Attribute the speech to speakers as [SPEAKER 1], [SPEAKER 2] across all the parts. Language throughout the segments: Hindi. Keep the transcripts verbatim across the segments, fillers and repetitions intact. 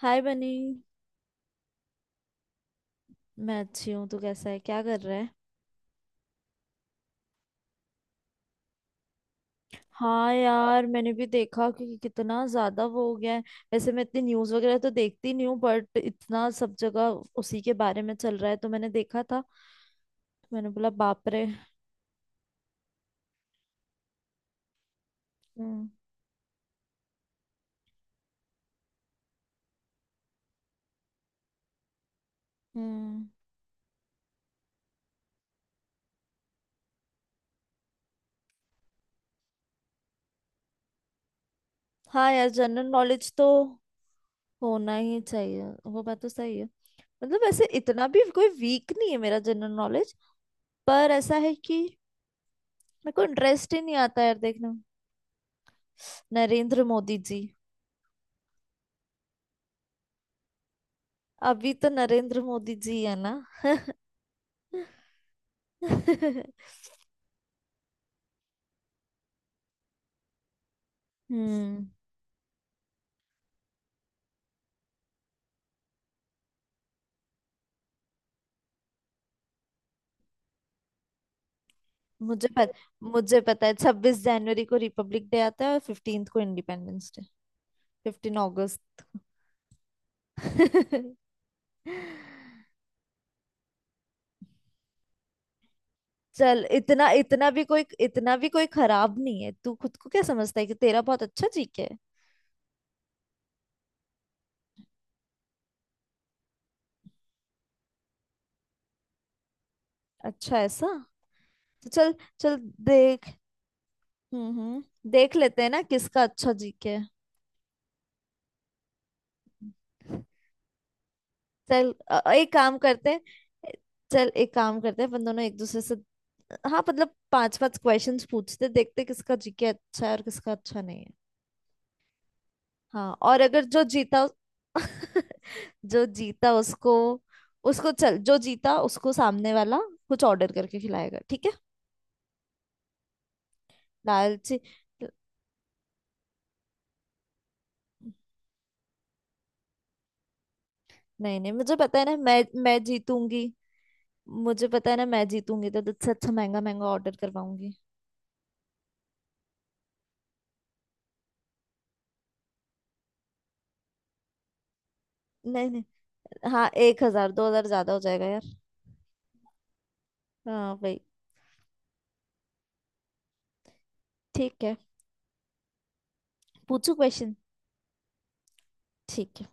[SPEAKER 1] हाय बनी। मैं अच्छी हूँ। तू कैसा है? क्या कर रहा है? हाँ यार, मैंने भी देखा कि कितना ज्यादा वो हो गया है। वैसे मैं इतनी न्यूज़ वगैरह तो देखती नहीं हूँ बट इतना सब जगह उसी के बारे में चल रहा है, तो मैंने देखा था। मैंने बोला बाप रे। हम्म। हम्म। हाँ यार, जनरल नॉलेज तो होना ही चाहिए। वो बात तो सही है। मतलब वैसे इतना भी कोई वीक नहीं है मेरा जनरल नॉलेज। पर ऐसा है कि मेरे को इंटरेस्ट ही नहीं आता यार देखने में। नरेंद्र मोदी जी। अभी तो नरेंद्र मोदी जी है ना? हम्म। मुझे पत, मुझे पता है छब्बीस जनवरी को रिपब्लिक डे आता है और फिफ्टींथ को इंडिपेंडेंस डे। फिफ्टीन अगस्त। चल, इतना इतना भी कोई इतना भी कोई खराब नहीं है। तू खुद को क्या समझता है कि तेरा बहुत अच्छा जीके है? अच्छा, ऐसा? तो चल, चल, देख। हम्म, हम्म, देख लेते हैं ना किसका अच्छा जीके है। चल, अ- एक काम करते हैं। चल, एक काम करते हैं अपन दोनों एक दूसरे से। हाँ मतलब पांच पांच क्वेश्चंस पूछते, देखते किसका जीके अच्छा है और किसका अच्छा नहीं है। हाँ, और अगर जो जीता उस- जो जीता उसको। उसको चल, जो जीता उसको सामने वाला कुछ ऑर्डर करके खिलाएगा, ठीक है। लालची। नहीं नहीं, मुझे पता है ना, मैं मैं जीतूंगी। मुझे पता है ना मैं जीतूंगी, तो तुझसे अच्छा महंगा महंगा ऑर्डर करवाऊंगी। नहीं नहीं। हाँ, एक हजार दो हजार ज्यादा हो जाएगा यार। हाँ भाई। ठीक है। पूछू क्वेश्चन? ठीक है।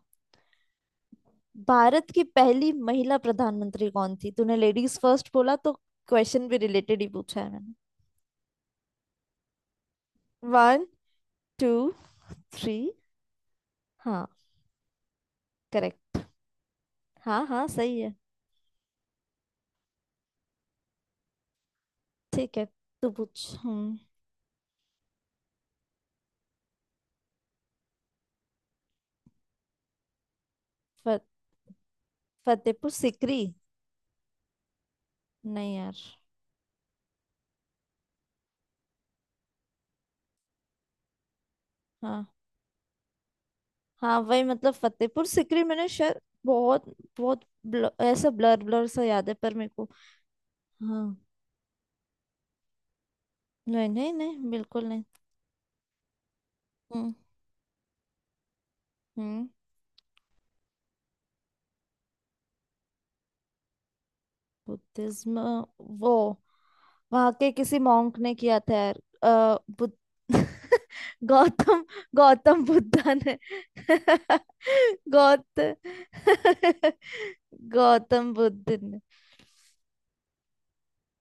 [SPEAKER 1] भारत की पहली महिला प्रधानमंत्री कौन थी? तूने लेडीज फर्स्ट बोला, तो क्वेश्चन भी रिलेटेड ही पूछा है मैंने। One, two, three. हाँ। करेक्ट। हाँ हाँ, सही है। ठीक है। तू पूछ। हम्म। फ- फतेहपुर सिकरी? नहीं यार। हाँ हाँ, वही, मतलब फतेहपुर सिकरी मैंने शायद बहुत, बहुत ब्ल, ऐसा ब्लर ब्लर सा याद है पर मेरे को। हाँ। नहीं नहीं नहीं, बिल्कुल नहीं। हम्म। हम्म। बुद्धिज्म? वो वहां के किसी मॉन्क ने किया था यार, अ, बुद्ध। गौतम। गौतम बुद्धा ने। गौत गौतम बुद्ध ने।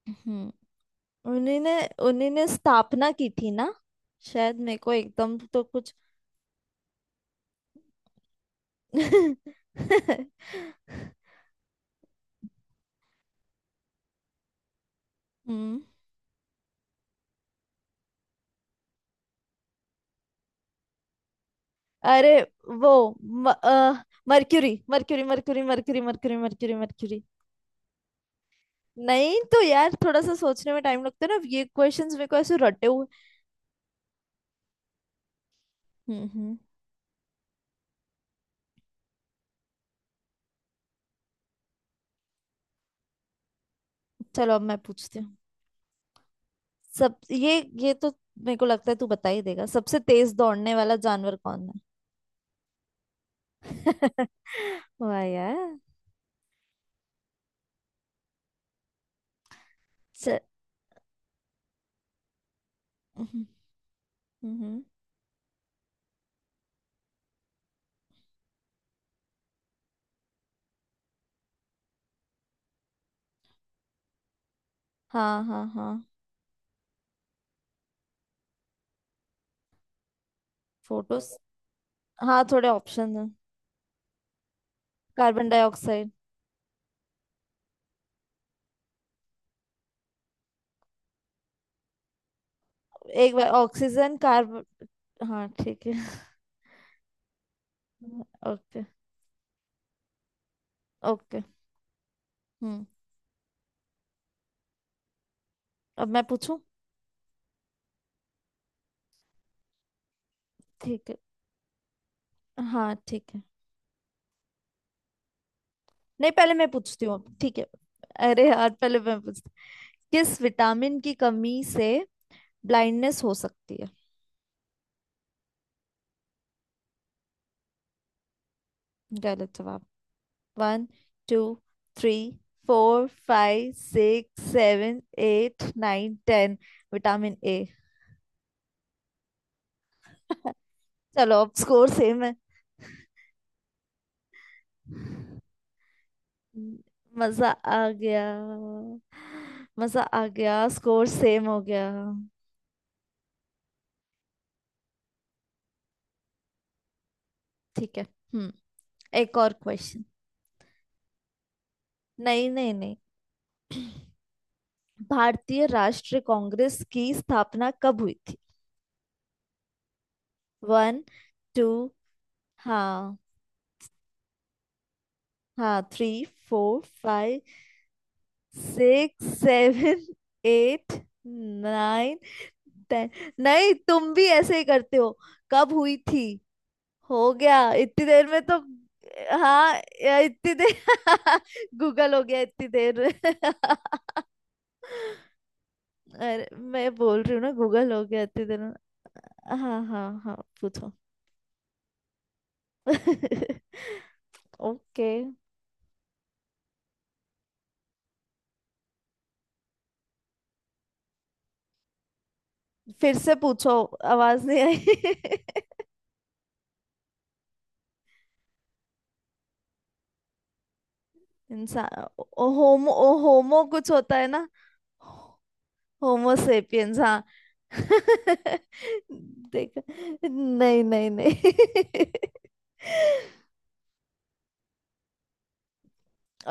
[SPEAKER 1] हम्म। उन्हीं ने उन्हीं ने स्थापना की थी ना। शायद मेरे को एकदम तो कुछ। हम्म। अरे वो, म, mercury mercury mercury mercury mercury mercury. नहीं तो यार, थोड़ा सा सोचने में टाइम लगता है ना, ये क्वेश्चंस मेरे को ऐसे रटे हुए। हम्म। हम्म। चलो, अब मैं पूछती हूँ। सब ये ये तो मेरे को लगता है तू बता ही देगा। सबसे तेज दौड़ने वाला जानवर कौन है? वाह यार। च- हम्म, हम्म, हाँ हाँ हाँ। फोटोस हाँ, थोड़े ऑप्शन हैं। Carbon dioxide. एक बार ऑक्सीजन, कार्बन। हाँ, ठीक है। ओके। ओके। हम्म। अब मैं पूछूं? ठीक है। हाँ ठीक है। नहीं, पहले मैं पूछती हूँ, ठीक है। अरे यार, पहले मैं पूछती हूँ। किस विटामिन की कमी से ब्लाइंडनेस हो सकती है? गलत जवाब। One, two, three, four, five, six, seven, eight, nine, ten. Vitamin ए। चलो, अब स्कोर सेम है। मजा आ गया, मजा आ गया, स्कोर सेम हो गया। ठीक है। हम्म। एक और क्वेश्चन। नहीं नहीं नहीं। भारतीय राष्ट्रीय कांग्रेस की स्थापना कब हुई थी? One, two. हाँ हाँ, three, four, five, six, seven, eight, nine, ten. नहीं, तुम भी ऐसे ही करते हो। कब हुई थी? हो गया इतनी देर में तो। हाँ, या इतनी देर। गूगल हो गया इतनी देर में। अरे। मैं बोल रही हूँ ना, गूगल हो गया इतनी देर में। हाँ हाँ हाँ, पूछो। ओके। फिर से पूछो, आवाज नहीं आई। इंसान। होमो, होमो कुछ होता है ना? होमो सेपियंस, हाँ। देखा? नहीं नहीं नहीं।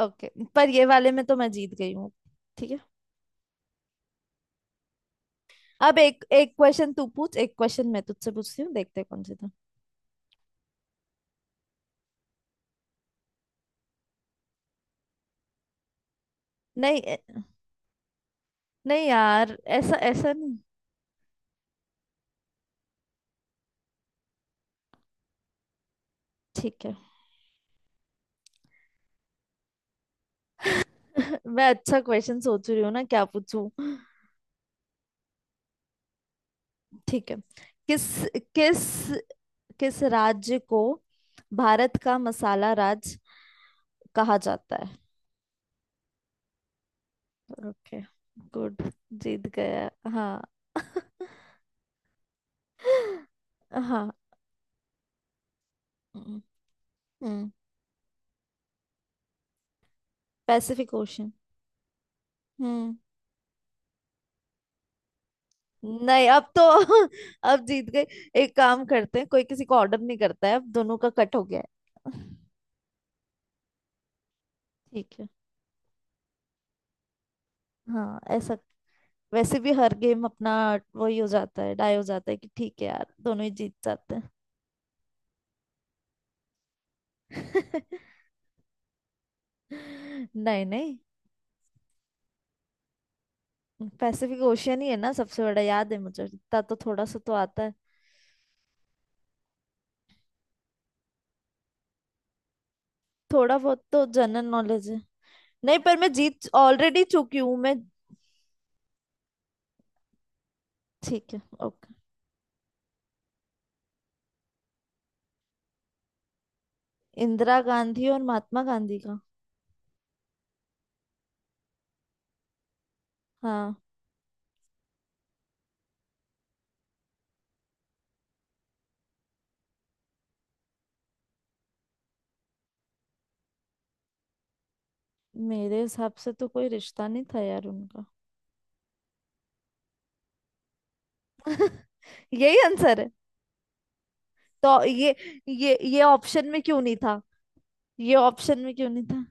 [SPEAKER 1] ओके, पर ये वाले में तो मैं जीत गई हूँ। ठीक है। अब एक एक क्वेश्चन तू पूछ, एक क्वेश्चन मैं तुझसे पूछती हूँ, देखते हैं कौन सी था। नहीं ए- नहीं यार, ऐसा ऐसा नहीं। ठीक है। मैं अच्छा क्वेश्चन सोच रही हूँ ना, क्या पूछूं। ठीक है। किस किस किस राज्य को भारत का मसाला राज कहा जाता है? Okay, good. जीत गया, हाँ? हाँ। हम्म। Pacific Ocean. हम्म। नहीं, अब तो अब जीत गए। एक काम करते हैं, कोई किसी को ऑर्डर नहीं करता है, अब दोनों का कट हो गया है। ठीक है। हाँ, ऐसा। वैसे भी हर गेम अपना वही हो जाता है, डाई हो जाता है कि ठीक है यार, दोनों ही जीत जाते हैं। नहीं नहीं। पैसिफिक ओशियन ही है ना सबसे बड़ा, याद है मुझे, इतना तो थोड़ा सा तो आता है। थोड़ा बहुत तो जनरल नॉलेज है। नहीं, पर मैं जीत ऑलरेडी चुकी हूँ मैं। ठीक है, ओके। इंदिरा गांधी और महात्मा गांधी का? हाँ, मेरे हिसाब से तो कोई रिश्ता नहीं था यार उनका। यही आंसर है। तो ये ये ये ऑप्शन में क्यों नहीं था? ये ऑप्शन में क्यों नहीं था?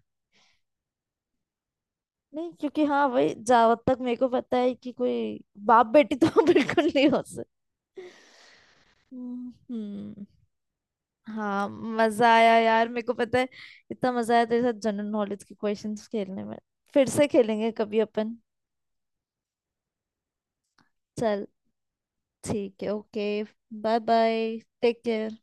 [SPEAKER 1] नहीं, क्योंकि हाँ वही, जहाँ तक मेरे को पता है कि कोई बाप बेटी तो बिल्कुल नहीं हो सकते। हम्म। हाँ, मजा आया यार, मेरे को पता है। इतना मजा आया तेरे साथ जनरल नॉलेज के क्वेश्चंस खेलने में। फिर से खेलेंगे कभी अपन। चल, ठीक है, okay. Bye bye, take care.